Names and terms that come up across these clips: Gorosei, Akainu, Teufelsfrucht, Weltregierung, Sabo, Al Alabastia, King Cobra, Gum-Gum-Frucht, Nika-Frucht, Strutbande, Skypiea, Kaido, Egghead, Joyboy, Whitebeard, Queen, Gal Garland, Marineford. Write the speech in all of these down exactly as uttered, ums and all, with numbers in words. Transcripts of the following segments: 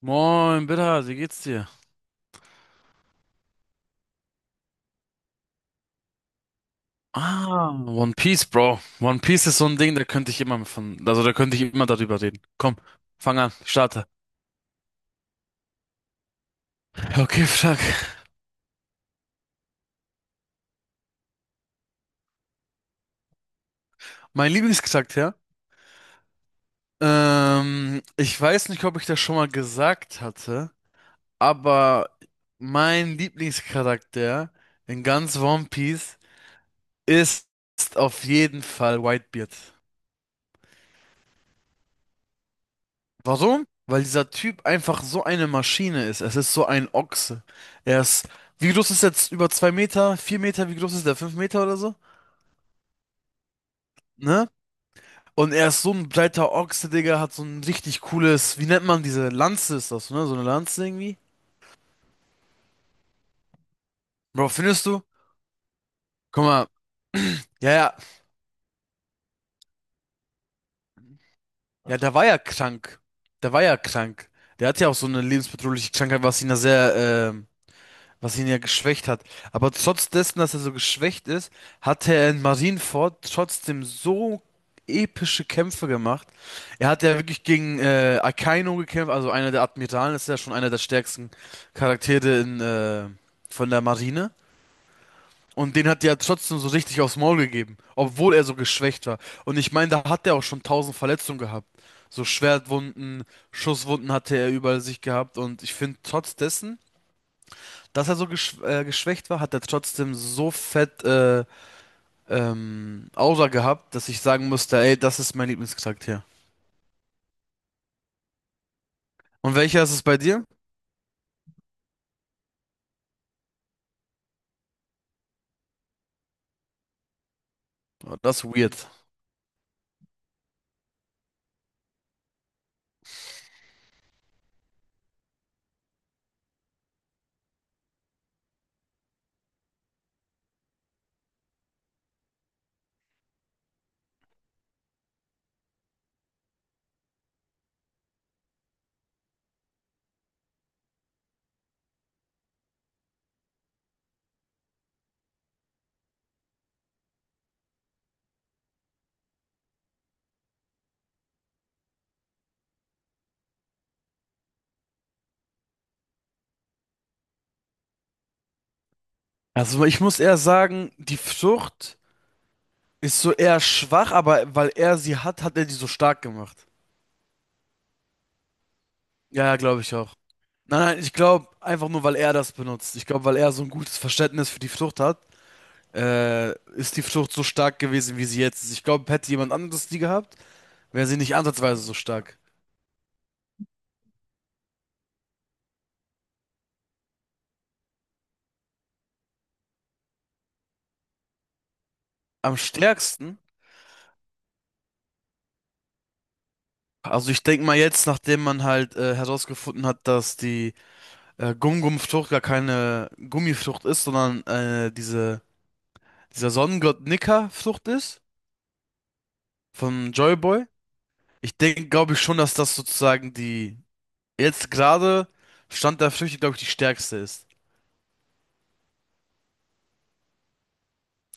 Moin, Bitter, wie geht's dir? Ah, One Piece, Bro. One Piece ist so ein Ding, da könnte ich immer von, also da könnte ich immer darüber reden. Komm, fang an, starte. Okay, frag. Mein Lieblingscharakter? Ähm, ich weiß nicht, ob ich das schon mal gesagt hatte, aber mein Lieblingscharakter in ganz One Piece ist auf jeden Fall Whitebeard. Warum? Weil dieser Typ einfach so eine Maschine ist. Es ist so ein Ochse. Er ist, wie groß ist er jetzt? Über zwei Meter, vier Meter, wie groß ist der? Fünf Meter oder so? Ne? Und er ist so ein breiter Ochse, Digga, hat so ein richtig cooles, wie nennt man diese Lanze ist das, ne? So eine Lanze irgendwie? Bro, findest du? Guck mal, ja, ja, ja, der war ja krank. Der war ja krank. Der hat ja auch so eine lebensbedrohliche Krankheit, was ihn da sehr, ähm, was ihn ja geschwächt hat. Aber trotz dessen, dass er so geschwächt ist, hatte er in Marineford trotzdem so epische Kämpfe gemacht. Er hat ja wirklich gegen äh, Akainu gekämpft, also einer der Admiralen, das ist ja schon einer der stärksten Charaktere in, äh, von der Marine. Und den hat er ja trotzdem so richtig aufs Maul gegeben, obwohl er so geschwächt war. Und ich meine, da hat er auch schon tausend Verletzungen gehabt. So Schwertwunden, Schusswunden hatte er überall sich gehabt. Und ich finde, trotz dessen dass er so geschw äh, geschwächt war, hat er trotzdem so fett äh, ähm, Aura gehabt, dass ich sagen musste, ey, das ist mein Lieblingscharakter. Und welcher ist es bei dir? Oh, das ist weird. Also ich muss eher sagen, die Frucht ist so eher schwach, aber weil er sie hat, hat er die so stark gemacht. Ja, ja, glaube ich auch. Nein, nein, ich glaube einfach nur, weil er das benutzt. Ich glaube, weil er so ein gutes Verständnis für die Frucht hat, äh, ist die Frucht so stark gewesen, wie sie jetzt ist. Ich glaube, hätte jemand anderes die gehabt, wäre sie nicht ansatzweise so stark. Am stärksten, also ich denke mal jetzt, nachdem man halt äh, herausgefunden hat, dass die äh, Gum-Gum-Frucht gar keine Gummifrucht ist, sondern äh, diese, dieser Sonnengott Nika-Frucht ist von Joyboy. Ich denke, glaube ich schon, dass das sozusagen die jetzt gerade Stand der Früchte, glaube ich, die stärkste ist.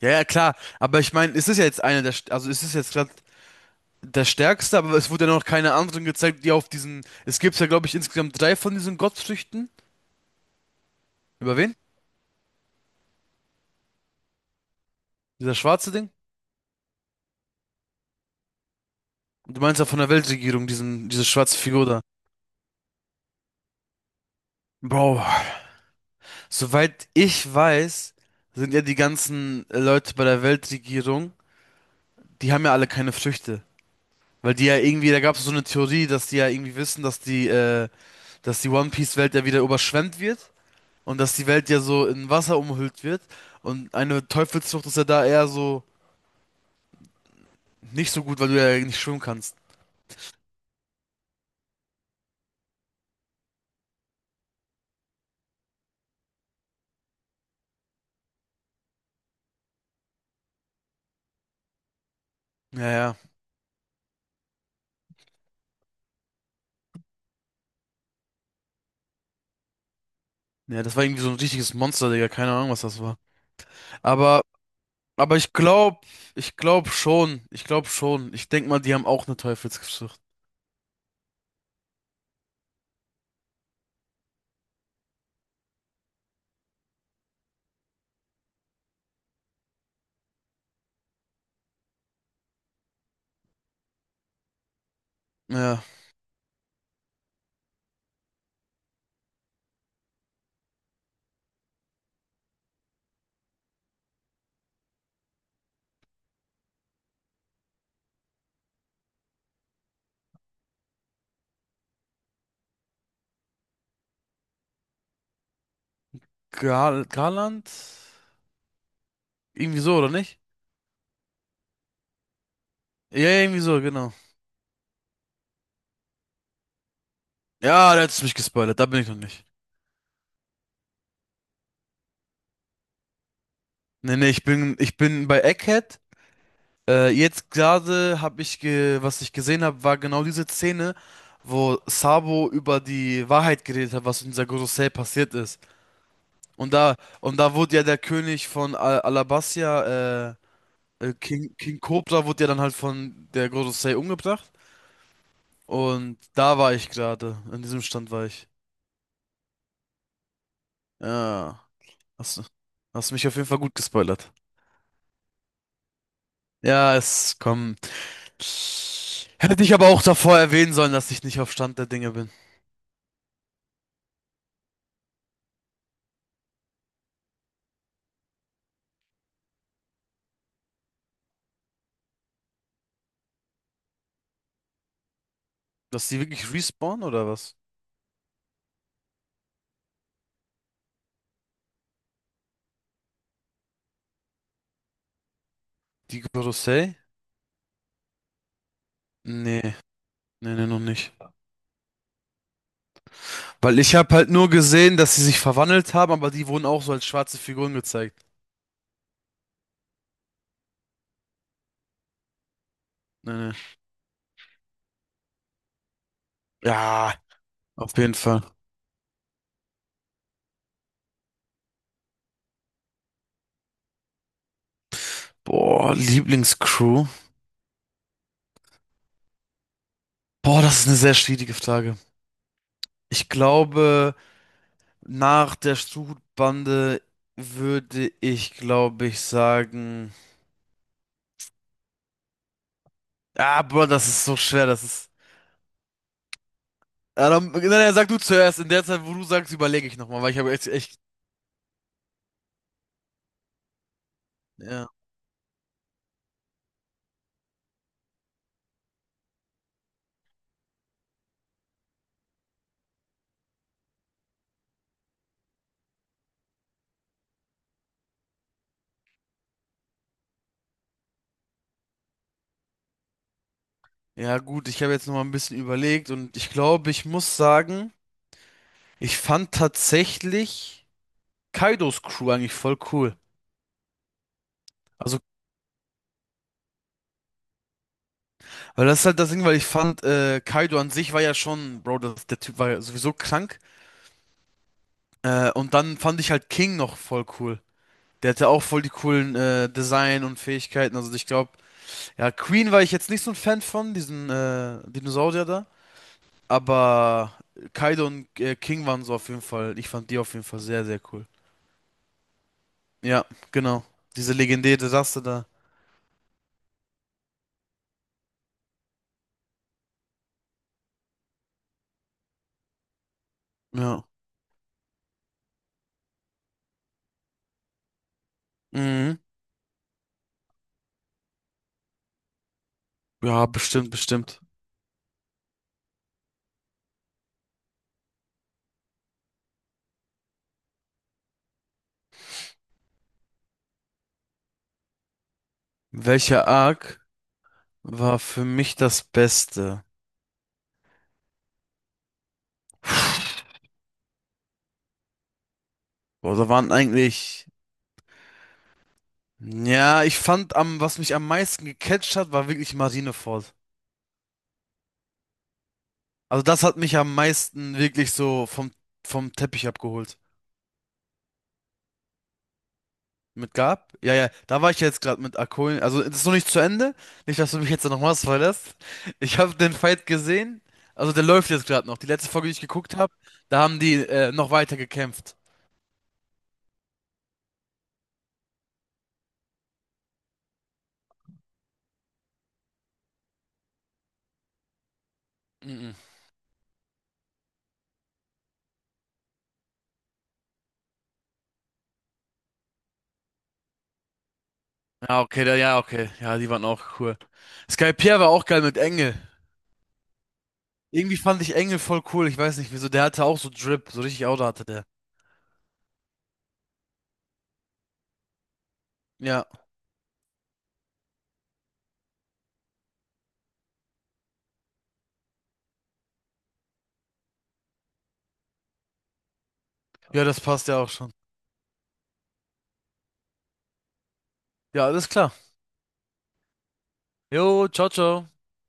Ja, ja, klar, aber ich meine, es ist ja jetzt eine der, st- also es ist jetzt gerade der stärkste, aber es wurde ja noch keine anderen gezeigt, die auf diesen, es gibt ja, glaube ich, insgesamt drei von diesen Gottfrüchten. Über wen? Dieser schwarze Ding? Du meinst ja von der Weltregierung, diesen, diese schwarze Figur da. Bro, soweit ich weiß, sind ja die ganzen äh, Leute bei der Weltregierung, die haben ja alle keine Früchte. Weil die ja irgendwie, da gab es so eine Theorie, dass die ja irgendwie wissen, dass die, äh, dass die One Piece Welt ja wieder überschwemmt wird und dass die Welt ja so in Wasser umhüllt wird. Und eine Teufelsfrucht ist ja da eher so nicht so gut, weil du ja nicht schwimmen kannst. Ja, ja. Ja, das war irgendwie so ein richtiges Monster, Digga. Keine Ahnung, was das war. Aber Aber ich glaube, ich glaube schon, ich glaube schon. Ich denke mal, die haben auch eine Teufelsgeschichte. Ja, Gal Garland? Irgendwie so, oder nicht? Ja, ja, irgendwie so, genau. Ja, da hättest du mich gespoilert, da bin ich noch nicht. Nee, nee, ich bin, ich bin bei Egghead. Äh, jetzt gerade habe ich, ge was ich gesehen habe, war genau diese Szene, wo Sabo über die Wahrheit geredet hat, was in dieser Gorosei passiert ist. Und da, und da wurde ja der König von Al Alabastia, äh, äh, King, King Cobra wurde ja dann halt von der Gorosei umgebracht. Und da war ich gerade. In diesem Stand war ich. Ja. Hast, hast mich auf jeden Fall gut gespoilert. Ja, es kommt. Hätte ich aber auch davor erwähnen sollen, dass ich nicht auf Stand der Dinge bin. Dass die wirklich respawnen oder was? Die Gorosei? Nee, nee, nee, noch nicht. Weil ich habe halt nur gesehen, dass sie sich verwandelt haben, aber die wurden auch so als schwarze Figuren gezeigt. Nee, nee. Ja, auf jeden Fall. Boah, Lieblingscrew. Boah, das ist eine sehr schwierige Frage. Ich glaube, nach der Strutbande würde ich, glaube ich, sagen. Ah, Bro, das ist so schwer. Das ist. Ja, dann, na, na, sag du zuerst. In der Zeit, wo du sagst, überlege ich nochmal, weil ich habe jetzt echt. Ja. Ja, gut, ich habe jetzt nochmal ein bisschen überlegt und ich glaube, ich muss sagen, ich fand tatsächlich Kaidos Crew eigentlich voll cool. Also, weil das ist halt das Ding, weil ich fand, äh, Kaido an sich war ja schon, Bro, das, der Typ war ja sowieso krank. Äh, und dann fand ich halt King noch voll cool. Der hatte auch voll die coolen äh, Design und Fähigkeiten. Also ich glaube, ja, Queen war ich jetzt nicht so ein Fan von, diesen äh, Dinosaurier da. Aber Kaido und äh, King waren so auf jeden Fall, ich fand die auf jeden Fall sehr, sehr cool. Ja, genau. Diese legendäre Rasse da. Ja. Mhm. Ja, bestimmt, bestimmt. Welcher Arc war für mich das Beste? Boah, da waren eigentlich. Ja, ich fand am, was mich am meisten gecatcht hat, war wirklich Marineford. Also das hat mich am meisten wirklich so vom, vom Teppich abgeholt. Mit Gab? Ja, ja, da war ich jetzt gerade mit Akoin. Also das ist noch nicht zu Ende. Nicht, dass du mich jetzt noch mal spoilerst. Ich habe den Fight gesehen. Also der läuft jetzt gerade noch. Die letzte Folge, die ich geguckt habe, da haben die äh, noch weiter gekämpft. Mhm. Ja, okay, da, ja, okay. Ja, die waren auch cool. Sky Skypiea war auch geil mit Engel. Irgendwie fand ich Engel voll cool. Ich weiß nicht wieso. Der hatte auch so Drip. So richtig Auto hatte der. Ja, ja, das passt ja auch schon. Ja, alles klar. Jo, ciao, ciao.